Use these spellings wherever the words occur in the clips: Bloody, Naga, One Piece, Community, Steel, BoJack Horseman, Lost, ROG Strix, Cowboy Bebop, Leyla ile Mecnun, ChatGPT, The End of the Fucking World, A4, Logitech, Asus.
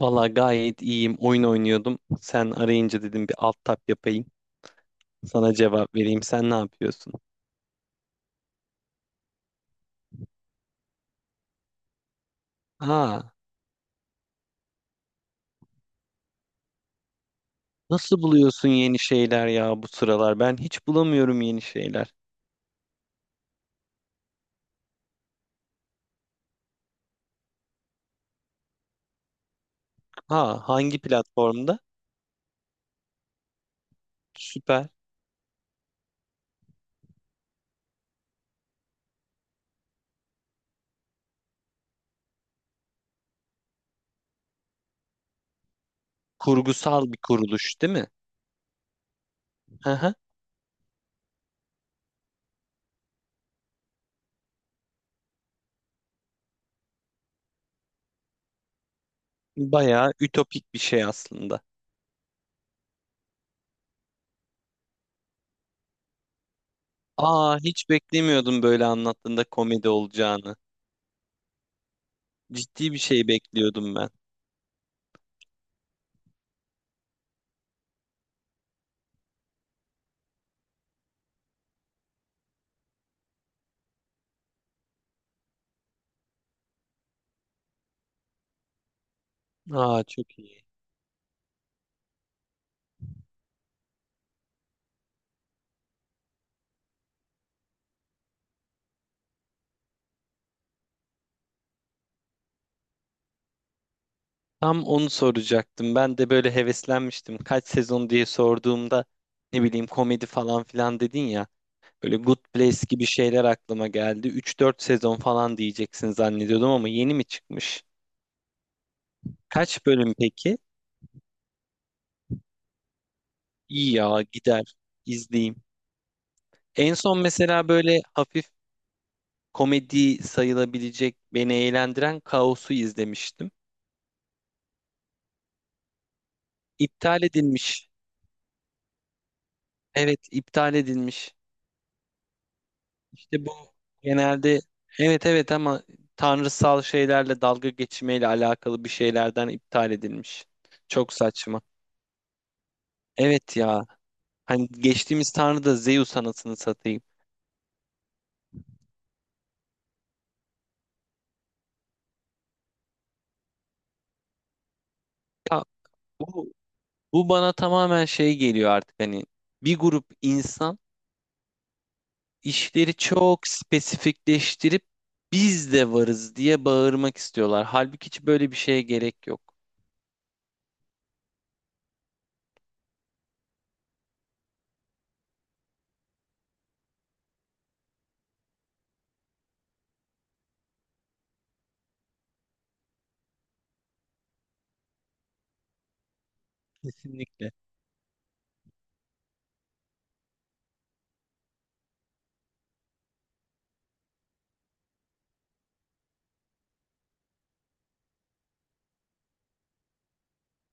Valla gayet iyiyim. Oyun oynuyordum. Sen arayınca dedim bir alt tap yapayım. Sana cevap vereyim. Sen ne yapıyorsun? Aa, nasıl buluyorsun yeni şeyler ya bu sıralar? Ben hiç bulamıyorum yeni şeyler. Aa, hangi platformda? Süper. Kurgusal bir kuruluş, değil mi? Hı hı. Bayağı ütopik bir şey aslında. Aa, hiç beklemiyordum böyle anlattığında komedi olacağını. Ciddi bir şey bekliyordum ben. Aa, çok iyi. Tam onu soracaktım. Ben de böyle heveslenmiştim. Kaç sezon diye sorduğumda ne bileyim komedi falan filan dedin ya. Böyle Good Place gibi şeyler aklıma geldi. Üç dört sezon falan diyeceksin zannediyordum ama yeni mi çıkmış? Kaç bölüm peki? İyi ya gider izleyeyim. En son mesela böyle hafif komedi sayılabilecek beni eğlendiren Kaos'u izlemiştim. İptal edilmiş. Evet iptal edilmiş. İşte bu genelde, evet evet, ama tanrısal şeylerle dalga geçmeyle alakalı bir şeylerden iptal edilmiş. Çok saçma. Evet ya. Hani geçtiğimiz tanrı da Zeus anasını satayım. Ya bu, bu bana tamamen şey geliyor artık. Hani bir grup insan işleri çok spesifikleştirip biz de varız diye bağırmak istiyorlar. Halbuki hiç böyle bir şeye gerek yok. Kesinlikle.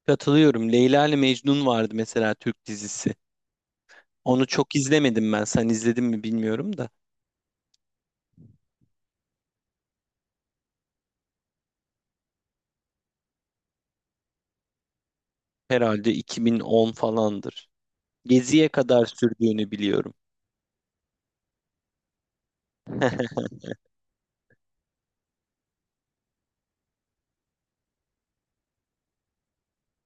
Katılıyorum. Leyla ile Mecnun vardı mesela, Türk dizisi. Onu çok izlemedim ben. Sen izledin mi bilmiyorum da. Herhalde 2010 falandır. Gezi'ye kadar sürdüğünü biliyorum.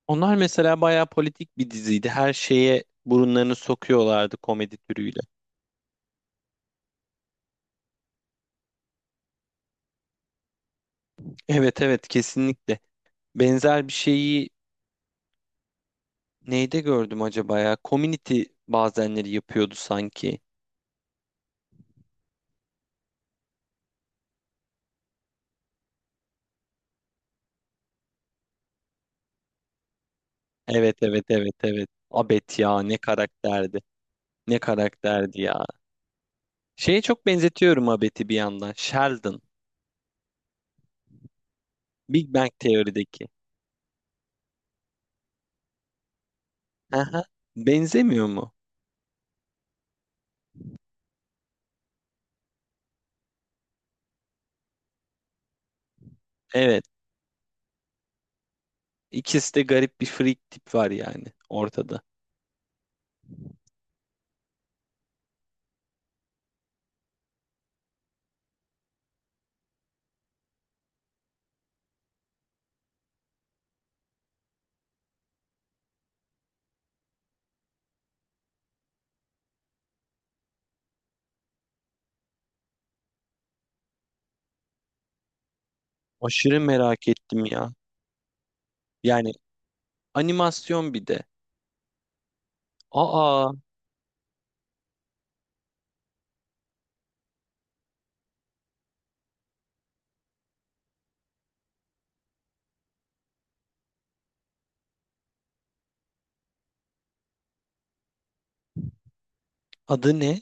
Onlar mesela bayağı politik bir diziydi. Her şeye burunlarını sokuyorlardı komedi türüyle. Evet evet, kesinlikle. Benzer bir şeyi neyde gördüm acaba ya? Community bazenleri yapıyordu sanki. Evet evet evet evet. Abet ya, ne karakterdi. Ne karakterdi ya. Şeye çok benzetiyorum Abet'i bir yandan. Sheldon. Big Bang Teori'deki. Aha. Benzemiyor mu? Evet. İkisi de garip bir freak tip var yani ortada. Aşırı merak ettim ya. Yani animasyon bir de. Aa, adı ne?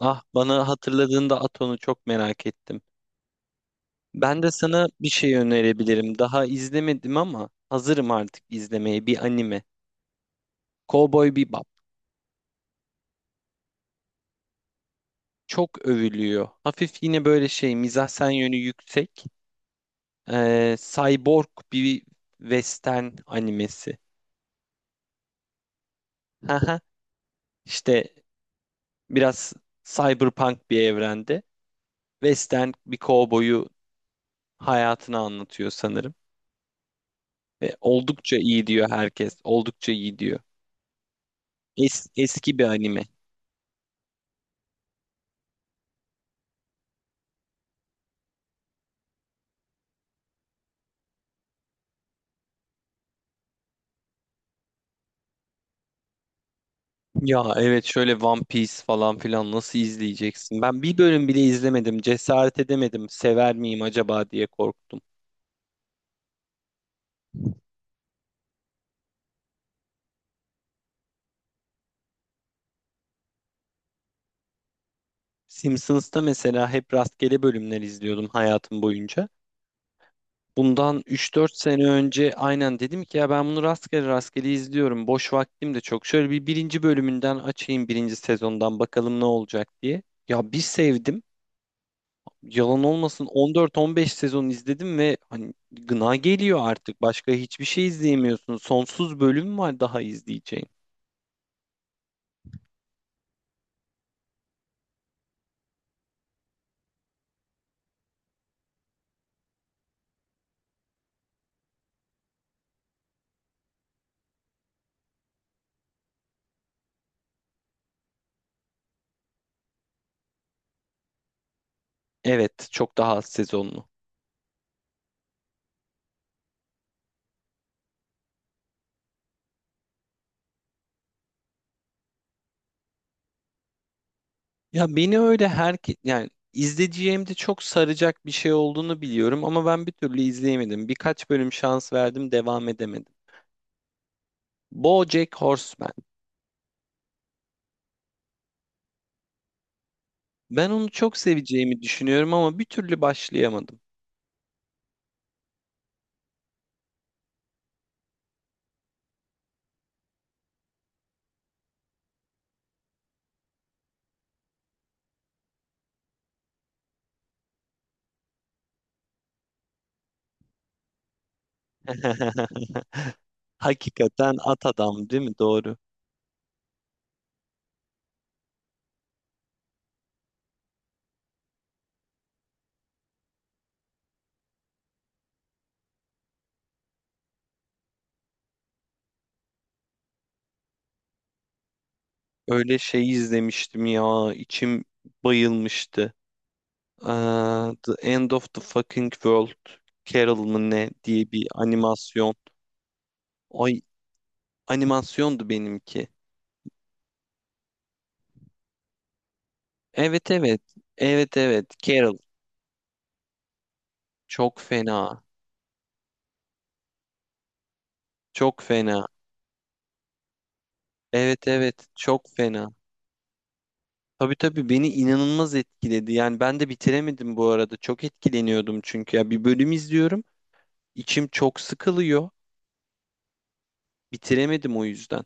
Ah, bana hatırladığında at onu, çok merak ettim. Ben de sana bir şey önerebilirim. Daha izlemedim ama hazırım artık izlemeye. Bir anime. Cowboy Bebop. Çok övülüyor. Hafif yine böyle şey mizahsen yönü yüksek. Cyborg bir western animesi. Haha. İşte biraz cyberpunk bir evrende. Western bir kovboyu hayatını anlatıyor sanırım. Ve oldukça iyi diyor herkes. Oldukça iyi diyor. Es- eski bir anime. Ya evet, şöyle One Piece falan filan nasıl izleyeceksin? Ben bir bölüm bile izlemedim. Cesaret edemedim. Sever miyim acaba diye korktum. Simpsons'ta mesela hep rastgele bölümler izliyordum hayatım boyunca. Bundan üç dört sene önce aynen dedim ki ya ben bunu rastgele rastgele izliyorum. Boş vaktim de çok. Şöyle bir birinci bölümünden açayım birinci sezondan, bakalım ne olacak diye. Ya bir sevdim. Yalan olmasın 14-15 sezon izledim ve hani gına geliyor artık. Başka hiçbir şey izleyemiyorsun. Sonsuz bölüm var daha izleyeceğin. Evet, çok daha az sezonlu. Ya beni öyle her, yani izleyeceğim de çok saracak bir şey olduğunu biliyorum ama ben bir türlü izleyemedim. Birkaç bölüm şans verdim, devam edemedim. BoJack Horseman. Ben onu çok seveceğimi düşünüyorum ama bir türlü başlayamadım. Hakikaten at adam değil mi? Doğru. Öyle şey izlemiştim ya. İçim bayılmıştı. Aa, The End of the Fucking World. Carol mı ne diye bir animasyon. Ay, animasyondu benimki. Evet evet. Evet evet. Carol. Çok fena. Çok fena. Evet evet. Çok fena. Tabii tabii, beni inanılmaz etkiledi. Yani ben de bitiremedim bu arada. Çok etkileniyordum çünkü ya bir bölüm izliyorum, içim çok sıkılıyor. Bitiremedim o yüzden.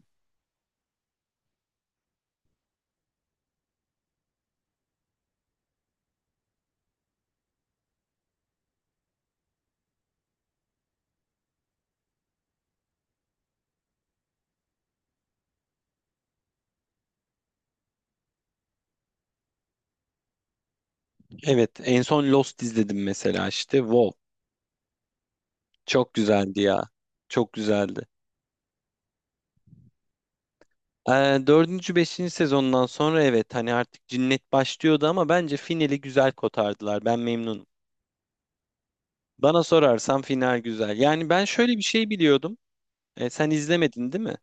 Evet, en son Lost izledim mesela işte. Wow, çok güzeldi ya. Çok güzeldi. Ee, dördüncü, beşinci sezondan sonra evet, hani artık cinnet başlıyordu ama bence finali güzel kotardılar. Ben memnunum. Bana sorarsan final güzel. Yani ben şöyle bir şey biliyordum. Sen izlemedin değil mi?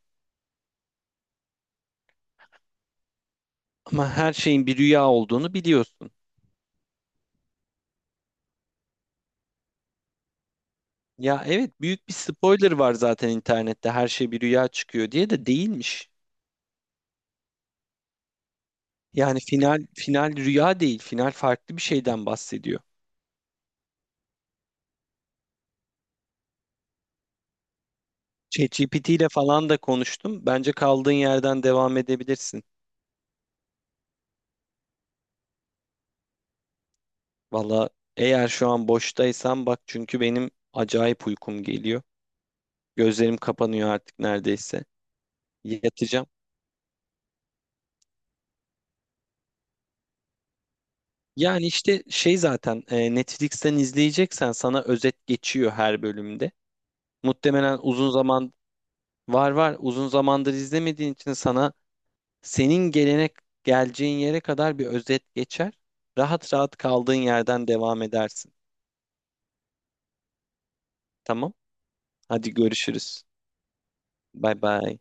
Ama her şeyin bir rüya olduğunu biliyorsun. Ya evet, büyük bir spoiler var zaten internette her şey bir rüya çıkıyor diye, de değilmiş. Yani final, final rüya değil, final farklı bir şeyden bahsediyor. ChatGPT ile falan da konuştum. Bence kaldığın yerden devam edebilirsin. Valla eğer şu an boştaysan bak, çünkü benim acayip uykum geliyor. Gözlerim kapanıyor artık neredeyse. Yatacağım. Yani işte şey zaten, Netflix'ten izleyeceksen sana özet geçiyor her bölümde. Muhtemelen uzun zaman. Var var, uzun zamandır izlemediğin için sana, senin gelene, geleceğin yere kadar bir özet geçer. Rahat rahat kaldığın yerden devam edersin. Tamam? Hadi görüşürüz. Bay bay.